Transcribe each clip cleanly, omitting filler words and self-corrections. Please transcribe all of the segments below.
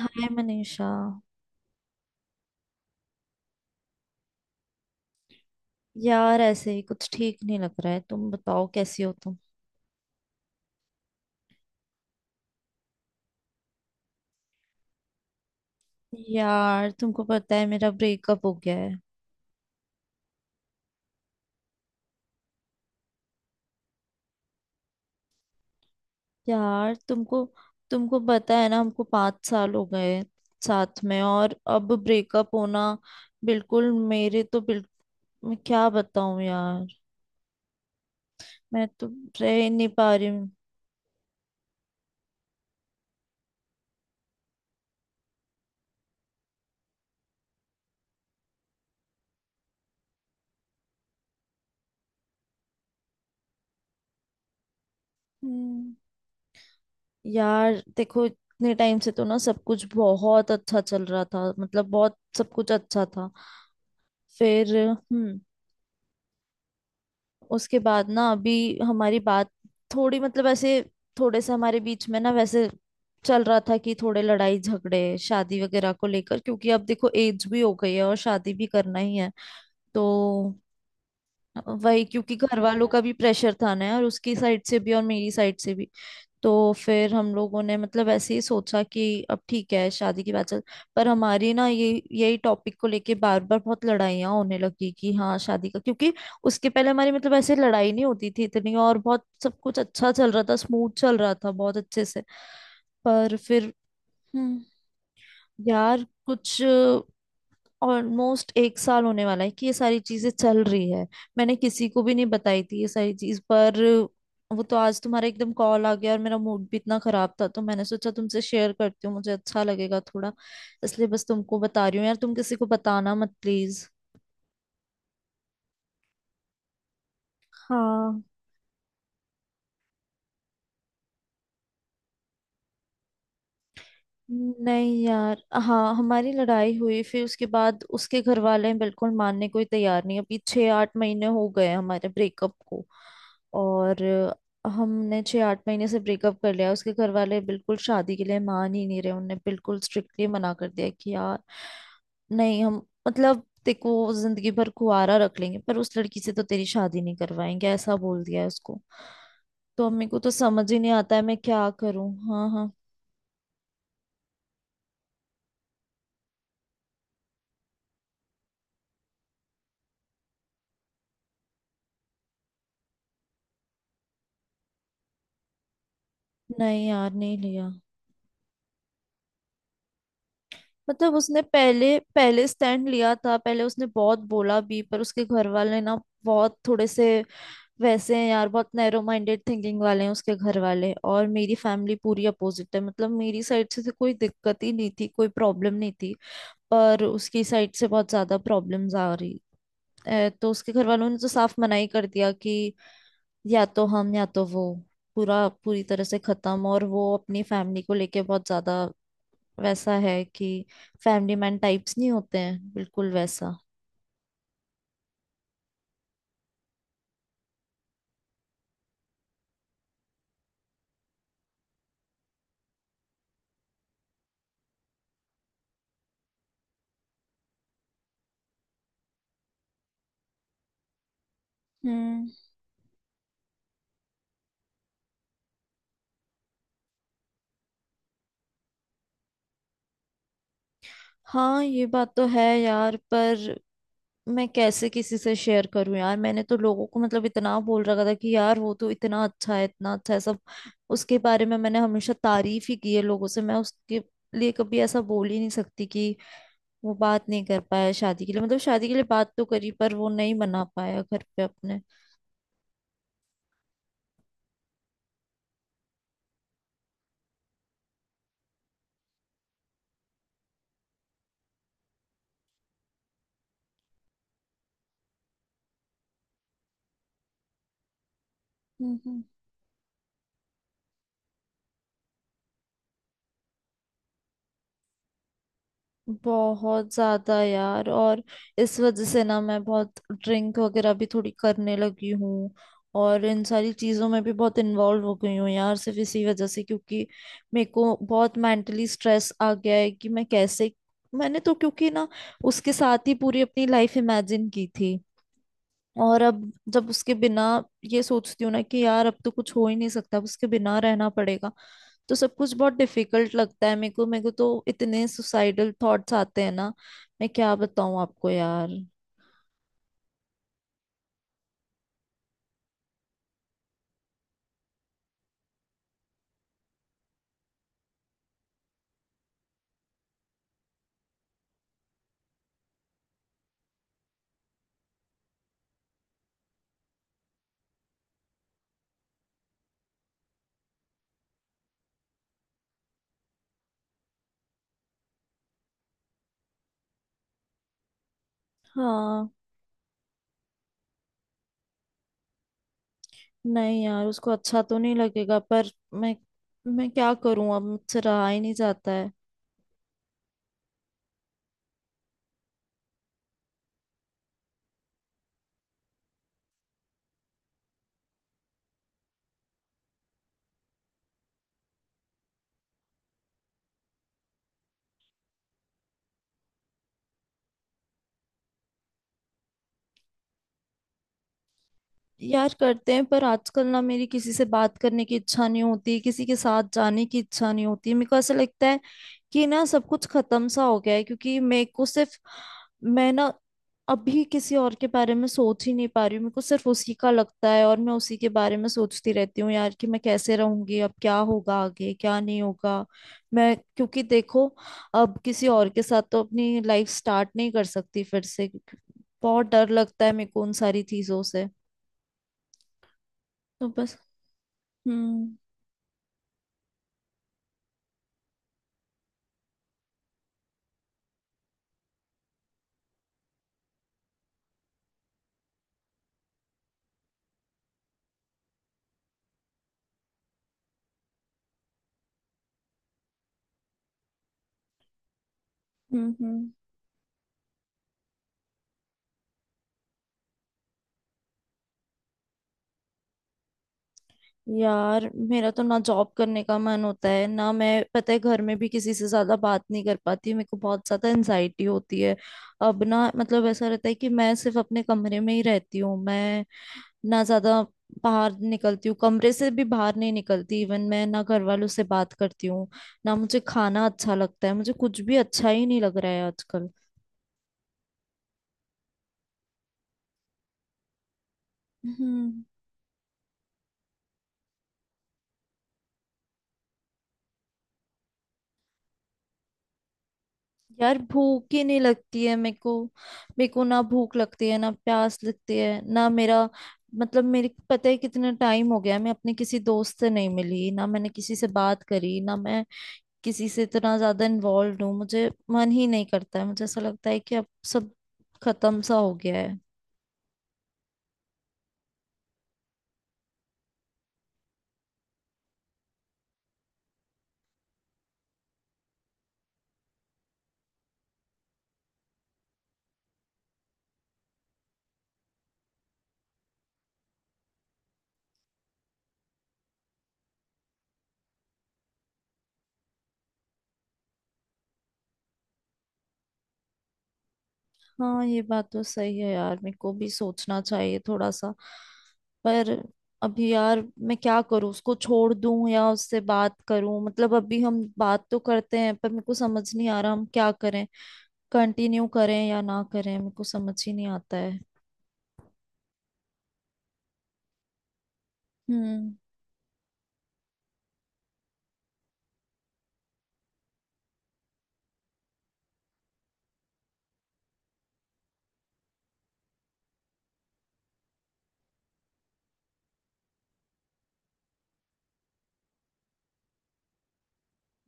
हाय मनीषा। यार ऐसे ही कुछ ठीक नहीं लग रहा है। तुम बताओ कैसी हो तुम। यार तुमको पता है मेरा ब्रेकअप हो गया है। यार तुमको तुमको पता है ना हमको 5 साल हो गए साथ में, और अब ब्रेकअप होना। बिल्कुल मेरे तो बिल, मैं क्या बताऊं यार। मैं तो रह ही नहीं पा रही हूँ। हम्म। यार देखो इतने टाइम से तो ना सब कुछ बहुत अच्छा चल रहा था, मतलब बहुत सब कुछ अच्छा था। फिर उसके बाद ना अभी हमारी बात थोड़ी मतलब ऐसे थोड़े से हमारे बीच में ना वैसे चल रहा था कि थोड़े लड़ाई झगड़े शादी वगैरह को लेकर, क्योंकि अब देखो एज भी हो गई है और शादी भी करना ही है। तो वही, क्योंकि घर वालों का भी प्रेशर था ना, और उसकी साइड से भी और मेरी साइड से भी। तो फिर हम लोगों ने मतलब ऐसे ही सोचा कि अब ठीक है शादी की बात चल। पर हमारी ना ये यही टॉपिक को लेके बार बार बहुत लड़ाइयाँ होने लगी कि हाँ शादी का, क्योंकि उसके पहले हमारी मतलब ऐसे लड़ाई नहीं होती थी इतनी, और बहुत सब कुछ अच्छा चल रहा था, स्मूथ चल रहा था बहुत अच्छे से। पर फिर हम्म यार कुछ ऑलमोस्ट एक साल होने वाला है कि ये सारी चीजें चल रही है। मैंने किसी को भी नहीं बताई थी ये सारी चीज, पर वो तो आज तुम्हारा एकदम कॉल आ गया और मेरा मूड भी इतना खराब था, तो मैंने सोचा तुमसे शेयर करती हूँ, मुझे अच्छा लगेगा थोड़ा। इसलिए बस तुमको बता रही हूँ यार, तुम किसी को बताना मत प्लीज। हाँ। नहीं यार, हाँ हमारी लड़ाई हुई, फिर उसके बाद उसके घर वाले बिल्कुल मानने को ही तैयार नहीं। अभी 6-8 महीने हो गए हैं हमारे ब्रेकअप को। और हमने 6-8 महीने से ब्रेकअप कर लिया, उसके घर वाले बिल्कुल शादी के लिए मान ही नहीं रहे। उन्होंने बिल्कुल स्ट्रिक्टली मना कर दिया कि यार नहीं हम, मतलब देखो जिंदगी भर कुंवारा रख लेंगे पर उस लड़की से तो तेरी शादी नहीं करवाएंगे, ऐसा बोल दिया है उसको। तो अम्मी को तो समझ ही नहीं आता है मैं क्या करूं। हाँ हाँ। नहीं यार, नहीं लिया। मतलब उसने पहले पहले स्टैंड लिया था, पहले उसने बहुत बोला भी, पर उसके घर वाले ना बहुत थोड़े से वैसे हैं यार, बहुत नैरो माइंडेड थिंकिंग वाले हैं उसके घर वाले। और मेरी फैमिली पूरी अपोजिट है, मतलब मेरी साइड से तो कोई दिक्कत ही नहीं थी, कोई प्रॉब्लम नहीं थी। पर उसकी साइड से बहुत ज्यादा प्रॉब्लम्स आ रही। ए, तो उसके घर वालों ने तो साफ मनाही कर दिया कि या तो हम या तो वो। पूरा पूरी तरह से खत्म। और वो अपनी फैमिली को लेके बहुत ज्यादा वैसा है कि फैमिली मैन टाइप्स नहीं होते हैं, बिल्कुल वैसा। हम्म। हाँ ये बात तो है यार, पर मैं कैसे किसी से शेयर करूं यार। मैंने तो लोगों को मतलब इतना बोल रखा था कि यार वो तो इतना अच्छा है सब। उसके बारे में मैंने हमेशा तारीफ ही की है लोगों से, मैं उसके लिए कभी ऐसा बोल ही नहीं सकती कि वो बात नहीं कर पाया शादी के लिए। मतलब शादी के लिए बात तो करी, पर वो नहीं मना पाया घर पे अपने। हम्म बहुत ज्यादा यार। और इस वजह से ना मैं बहुत ड्रिंक वगैरह भी थोड़ी करने लगी हूँ, और इन सारी चीजों में भी बहुत इन्वॉल्व हो गई हूँ यार, सिर्फ इसी वजह से, क्योंकि मेरे को बहुत मेंटली स्ट्रेस आ गया है कि मैं कैसे। मैंने तो, क्योंकि ना उसके साथ ही पूरी अपनी लाइफ इमेजिन की थी, और अब जब उसके बिना ये सोचती हूँ ना कि यार अब तो कुछ हो ही नहीं सकता, अब उसके बिना रहना पड़ेगा, तो सब कुछ बहुत डिफिकल्ट लगता है मेरे को। मेरे को तो इतने सुसाइडल थॉट्स आते हैं ना, मैं क्या बताऊं आपको यार। हाँ। नहीं यार उसको अच्छा तो नहीं लगेगा, पर मैं क्या करूं, अब मुझसे रहा ही नहीं जाता है। यार करते हैं, पर आजकल ना मेरी किसी से बात करने की इच्छा नहीं होती, किसी के साथ जाने की इच्छा नहीं होती। मेरे को ऐसा लगता है कि ना सब कुछ खत्म सा हो गया है, क्योंकि मेरे को सिर्फ, मैं ना अभी किसी और के बारे में सोच ही नहीं पा रही हूँ। मेरे को सिर्फ उसी का लगता है और मैं उसी के बारे में सोचती रहती हूँ यार, कि मैं कैसे रहूंगी, अब क्या होगा आगे क्या नहीं होगा। मैं क्योंकि देखो, अब किसी और के साथ तो अपनी लाइफ स्टार्ट नहीं कर सकती फिर से, क्योंकि बहुत डर लगता है मेरे को उन सारी चीजों से। तो बस। हम्म हम्म हम्म यार मेरा तो ना जॉब करने का मन होता है ना। मैं पता है घर में भी किसी से ज्यादा बात नहीं कर पाती, मेरे को बहुत ज्यादा एनजाइटी होती है। अब ना मतलब ऐसा रहता है कि मैं सिर्फ अपने कमरे में ही रहती हूँ, मैं ना ज्यादा बाहर निकलती हूँ, कमरे से भी बाहर नहीं निकलती। इवन मैं ना घर वालों से बात करती हूँ, ना मुझे खाना अच्छा लगता है, मुझे कुछ भी अच्छा ही नहीं लग रहा है आजकल। हम्म यार भूख ही नहीं लगती है मेरे को। मेरे को ना भूख लगती है ना प्यास लगती है, ना मेरा मतलब मेरे को पता है कितना टाइम हो गया है, मैं अपने किसी दोस्त से नहीं मिली, ना मैंने किसी से बात करी, ना मैं किसी से इतना ज्यादा इन्वॉल्व हूँ। मुझे मन ही नहीं करता है, मुझे ऐसा लगता है कि अब सब खत्म सा हो गया है। हाँ ये बात तो सही है यार, मेरे को भी सोचना चाहिए थोड़ा सा। पर अभी यार मैं क्या करूँ, उसको छोड़ दूं या उससे बात करूं। मतलब अभी हम बात तो करते हैं, पर मेरे को समझ नहीं आ रहा हम क्या करें, कंटिन्यू करें या ना करें, मेरे को समझ ही नहीं आता है। हम्म।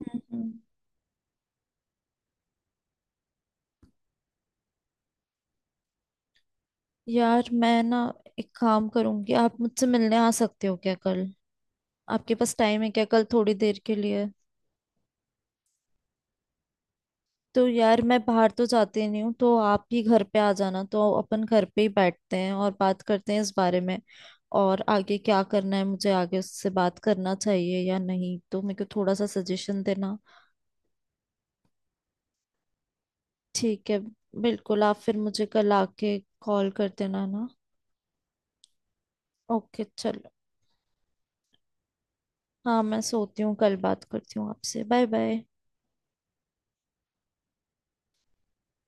हम्म। हम्म। यार मैं ना एक काम करूंगी, आप मुझसे मिलने आ सकते हो क्या कल? आपके पास टाइम है क्या कल थोड़ी देर के लिए? तो यार मैं बाहर तो जाती नहीं हूँ, तो आप ही घर पे आ जाना, तो अपन घर पे ही बैठते हैं और बात करते हैं इस बारे में। और आगे क्या करना है, मुझे आगे उससे बात करना चाहिए या नहीं, तो मेरे को थोड़ा सा सजेशन देना। ठीक है, बिल्कुल। आप फिर मुझे कल आके कॉल कर देना ना। ओके चलो, हाँ मैं सोती हूँ, कल बात करती हूँ आपसे। Bye bye.